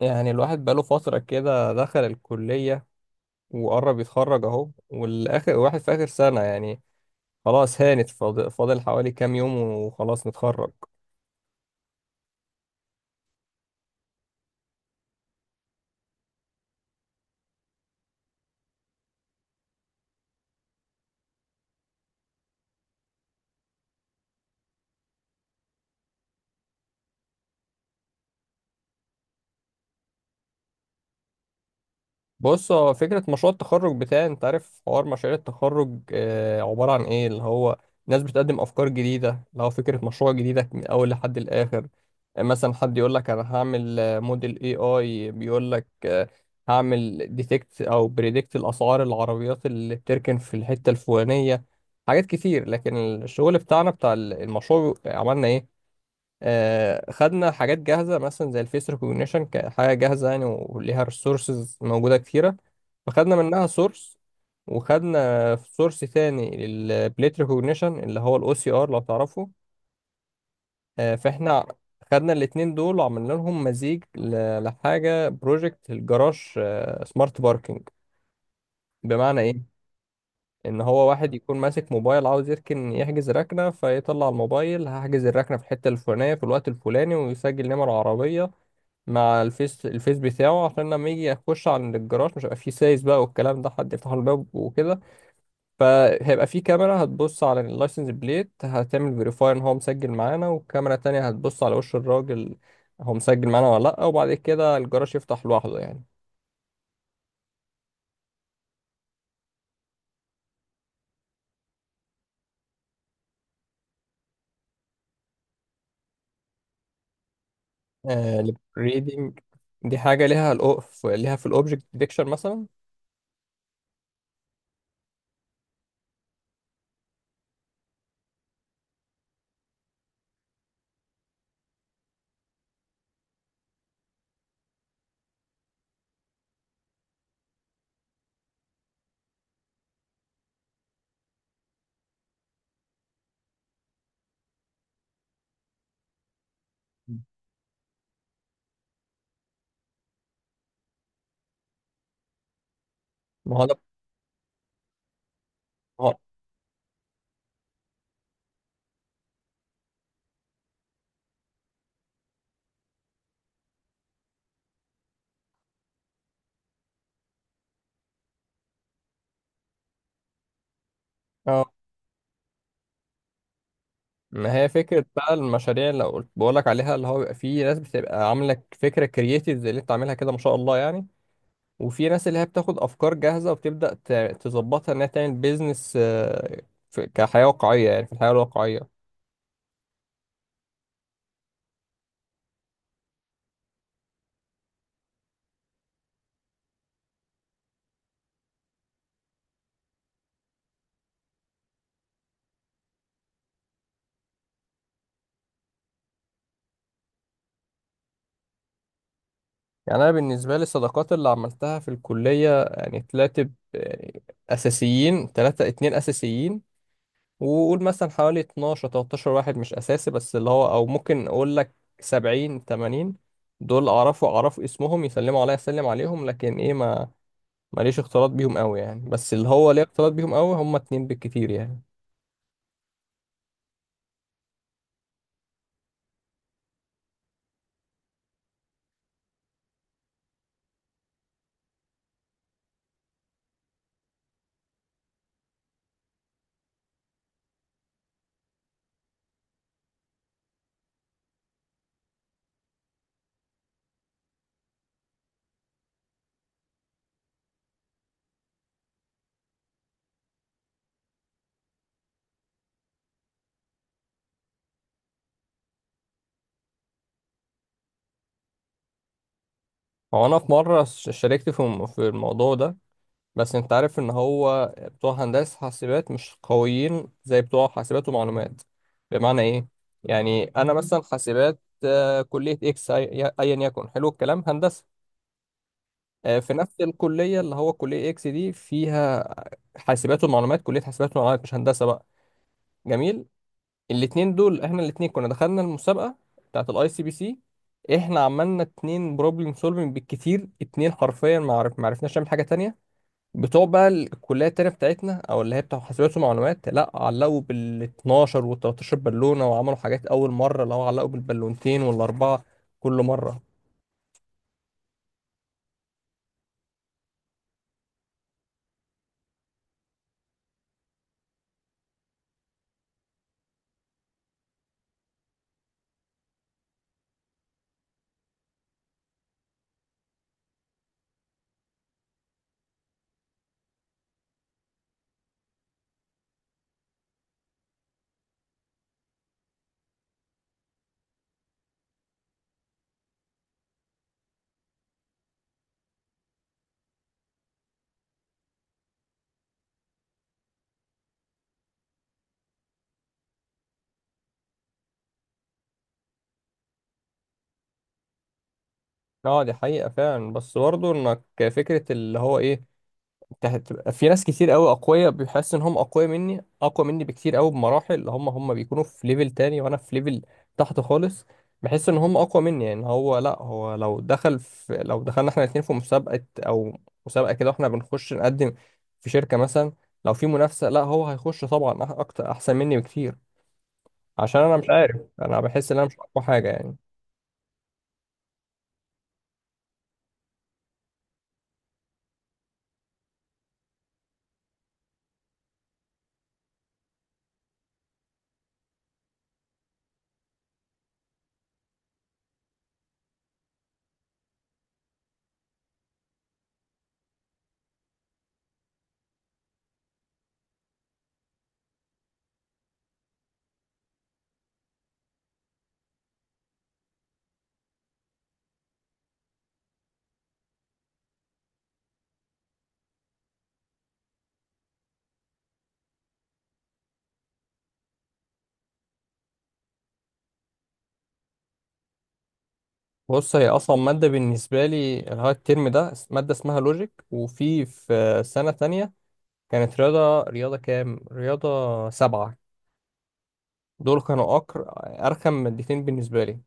يعني الواحد بقاله فترة كده دخل الكلية وقرب يتخرج أهو، والآخر واحد في آخر سنة يعني خلاص هانت، فاضل فاضل حوالي كام يوم وخلاص نتخرج. بص، هو فكرة مشروع التخرج بتاعي، انت عارف حوار مشاريع التخرج عبارة عن ايه؟ اللي هو ناس بتقدم افكار جديدة، اللي هو فكرة مشروع جديدة من اول لحد الاخر. مثلا حد يقول لك انا هعمل موديل اي اي، بيقول لك هعمل ديتكت او بريدكت الاسعار العربيات اللي بتركن في الحتة الفلانية. حاجات كتير، لكن الشغل بتاعنا بتاع المشروع عملنا ايه؟ خدنا حاجات جاهزة مثلا زي الفيس ريكوجنيشن كحاجة جاهزة يعني، وليها ريسورسز موجودة كتيرة، فخدنا منها سورس. وخدنا سورس تاني للبليت ريكوجنيشن اللي هو الاو سي ار لو تعرفه. فاحنا خدنا الاتنين دول وعملنا لهم مزيج لحاجة بروجكت الجراج، سمارت باركينج. بمعنى ايه؟ ان هو واحد يكون ماسك موبايل عاوز يركن، يحجز ركنة فيطلع الموبايل هحجز الركنة في الحتة الفلانية في الوقت الفلاني، ويسجل نمر عربية مع الفيس بتاعه، عشان لما يجي يخش على الجراج مش هيبقى فيه سايس بقى والكلام ده حد يفتح له الباب وكده. فهيبقى فيه كاميرا هتبص على اللايسنس بليت، هتعمل فيريفاي ان هو مسجل معانا، والكاميرا التانية هتبص على وش الراجل هو مسجل معانا ولا لأ، وبعد كده الجراج يفتح لوحده يعني. الريدنج دي حاجة ليها الأوف، ليها في الأوبجكت ديتكشن مثلا. ما هو ده. ما هو- ما هي فكرة بقى المشاريع اللي قلت بقول لك عليها، اللي هو بيبقى فيه ناس بتبقى عاملة فكرة كرييتيف زي اللي انت عاملها كده ما شاء الله يعني. وفي ناس اللي هي بتاخد أفكار جاهزة وبتبدأ تظبطها إنها تعمل بيزنس كحياة واقعية، يعني في الحياة الواقعية. يعني أنا بالنسبة لي الصداقات اللي عملتها في الكلية، يعني تلاتة يعني أساسيين، تلاتة اتنين أساسيين، وقول مثلا حوالي 12 13 واحد مش اساسي، بس اللي هو او ممكن اقول لك 70 80 دول اعرفه، اعرف اسمهم يسلموا عليا اسلم عليهم، لكن ايه، ما ماليش اختلاط بيهم قوي يعني. بس اللي هو ليه اختلاط بيهم قوي هم اتنين بالكتير يعني. هو انا في مره شاركت في في الموضوع ده، بس انت عارف ان هو بتوع هندسه حاسبات مش قويين زي بتوع حاسبات ومعلومات. بمعنى ايه؟ يعني انا مثلا حاسبات، كليه اكس ايا يكن، حلو الكلام، هندسه في نفس الكلية، اللي هو كلية اكس دي فيها حاسبات ومعلومات. كلية حاسبات ومعلومات مش هندسة بقى. جميل. الاتنين دول احنا الاتنين كنا دخلنا المسابقة بتاعت الاي سي بي سي. احنا عملنا اتنين بروبلم سولفنج بالكتير، اتنين، حرفيا ما عرفناش نعمل حاجة تانية. بتوع بقى الكلية التانية بتاعتنا او اللي هي بتاع حاسبات ومعلومات، لا علقوا بال 12 وال 13 بالونة، وعملوا حاجات اول مرة اللي هو علقوا بالبالونتين والاربعة كل مرة. اه، دي حقيقة فعلا، بس برضه انك، فكرة اللي هو ايه، هتبقى في ناس كتير قوي اقوياء، بيحس ان هم اقوياء مني، اقوى مني بكتير قوي بمراحل، اللي هم بيكونوا في ليفل تاني وانا في ليفل تحت خالص. بحس ان هم اقوى مني يعني. هو لا، هو لو دخلنا احنا الاتنين في مسابقة او مسابقة كده واحنا بنخش نقدم في شركة مثلا، لو في منافسة لا هو هيخش طبعا اكتر، احسن مني بكتير، عشان انا مش عارف، انا بحس ان انا مش اقوى حاجة يعني. بص، هي اصلا ماده بالنسبه لي اللي هو الترم ده ماده اسمها لوجيك، وفي سنه تانية كانت رياضة، رياضة كام؟ رياضة سبعة. دول كانوا أكر أرخم مادتين بالنسبة لي.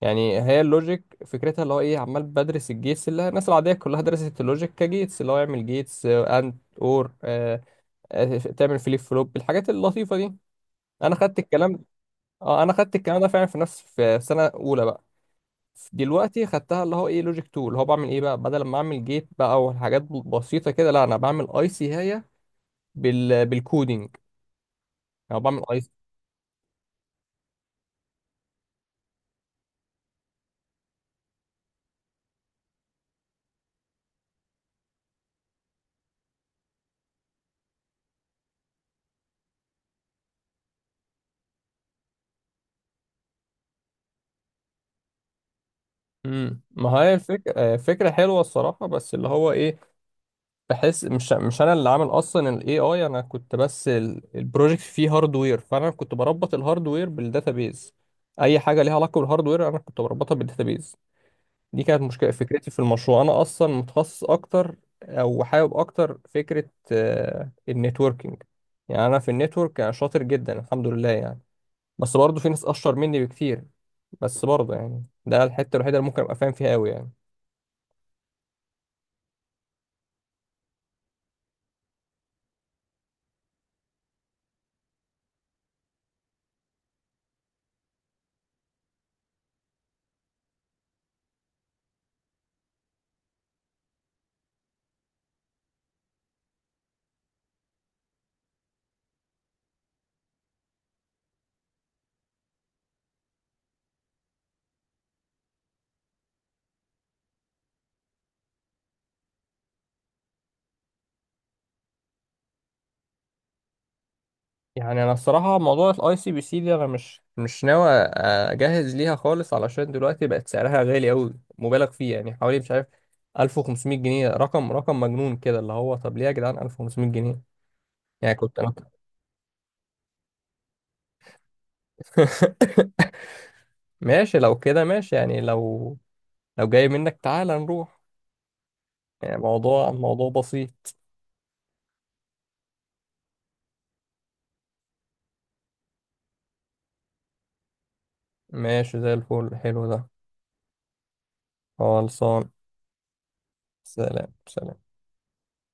يعني هي اللوجيك فكرتها اللي هو إيه، عمال بدرس الجيتس، اللي الناس العادية كلها درست اللوجيك كجيتس، اللي هو يعمل جيتس أند أور تعمل فليب فلوب، الحاجات اللطيفة دي. أنا خدت الكلام، أه أنا خدت الكلام ده فعلا في نفس، في سنة أولى بقى. دلوقتي خدتها اللي هو ايه، لوجيك 2، اللي هو بعمل ايه بقى، بدل ما اعمل جيت بقى وحاجات بسيطه كده، لا انا بعمل اي سي هي بالكودينج، او بعمل. امم، ما هي الفكرة، فكرة حلوة الصراحة، بس اللي هو ايه، بحس مش انا اللي عامل اصلا الاي اي، انا كنت بس البروجكت فيه هاردوير، فانا كنت بربط الهاردوير بالداتابيز. اي حاجة ليها علاقة بالهاردوير انا كنت بربطها بالداتابيز. دي كانت مشكلة، فكرتي في المشروع انا اصلا متخصص اكتر او حابب اكتر فكرة النتوركينج. يعني انا في النتورك أنا شاطر جدا الحمد لله يعني، بس برضه في ناس اشطر مني بكتير، بس برضه يعني ده الحتة الوحيدة اللي ممكن ابقى فاهم فيها قوي يعني. يعني انا الصراحه موضوع الاي سي بي سي دي انا مش ناوي اجهز ليها خالص، علشان دلوقتي بقت سعرها غالي قوي مبالغ فيه، يعني حوالي مش عارف 1500 جنيه، رقم مجنون كده اللي هو، طب ليه يا جدعان 1500 جنيه؟ يعني كنت انا ماشي، لو كده ماشي يعني، لو لو جاي منك تعالى نروح. يعني موضوع بسيط. ماشي زي الفل، حلو ده. خلصان. سلام سلام.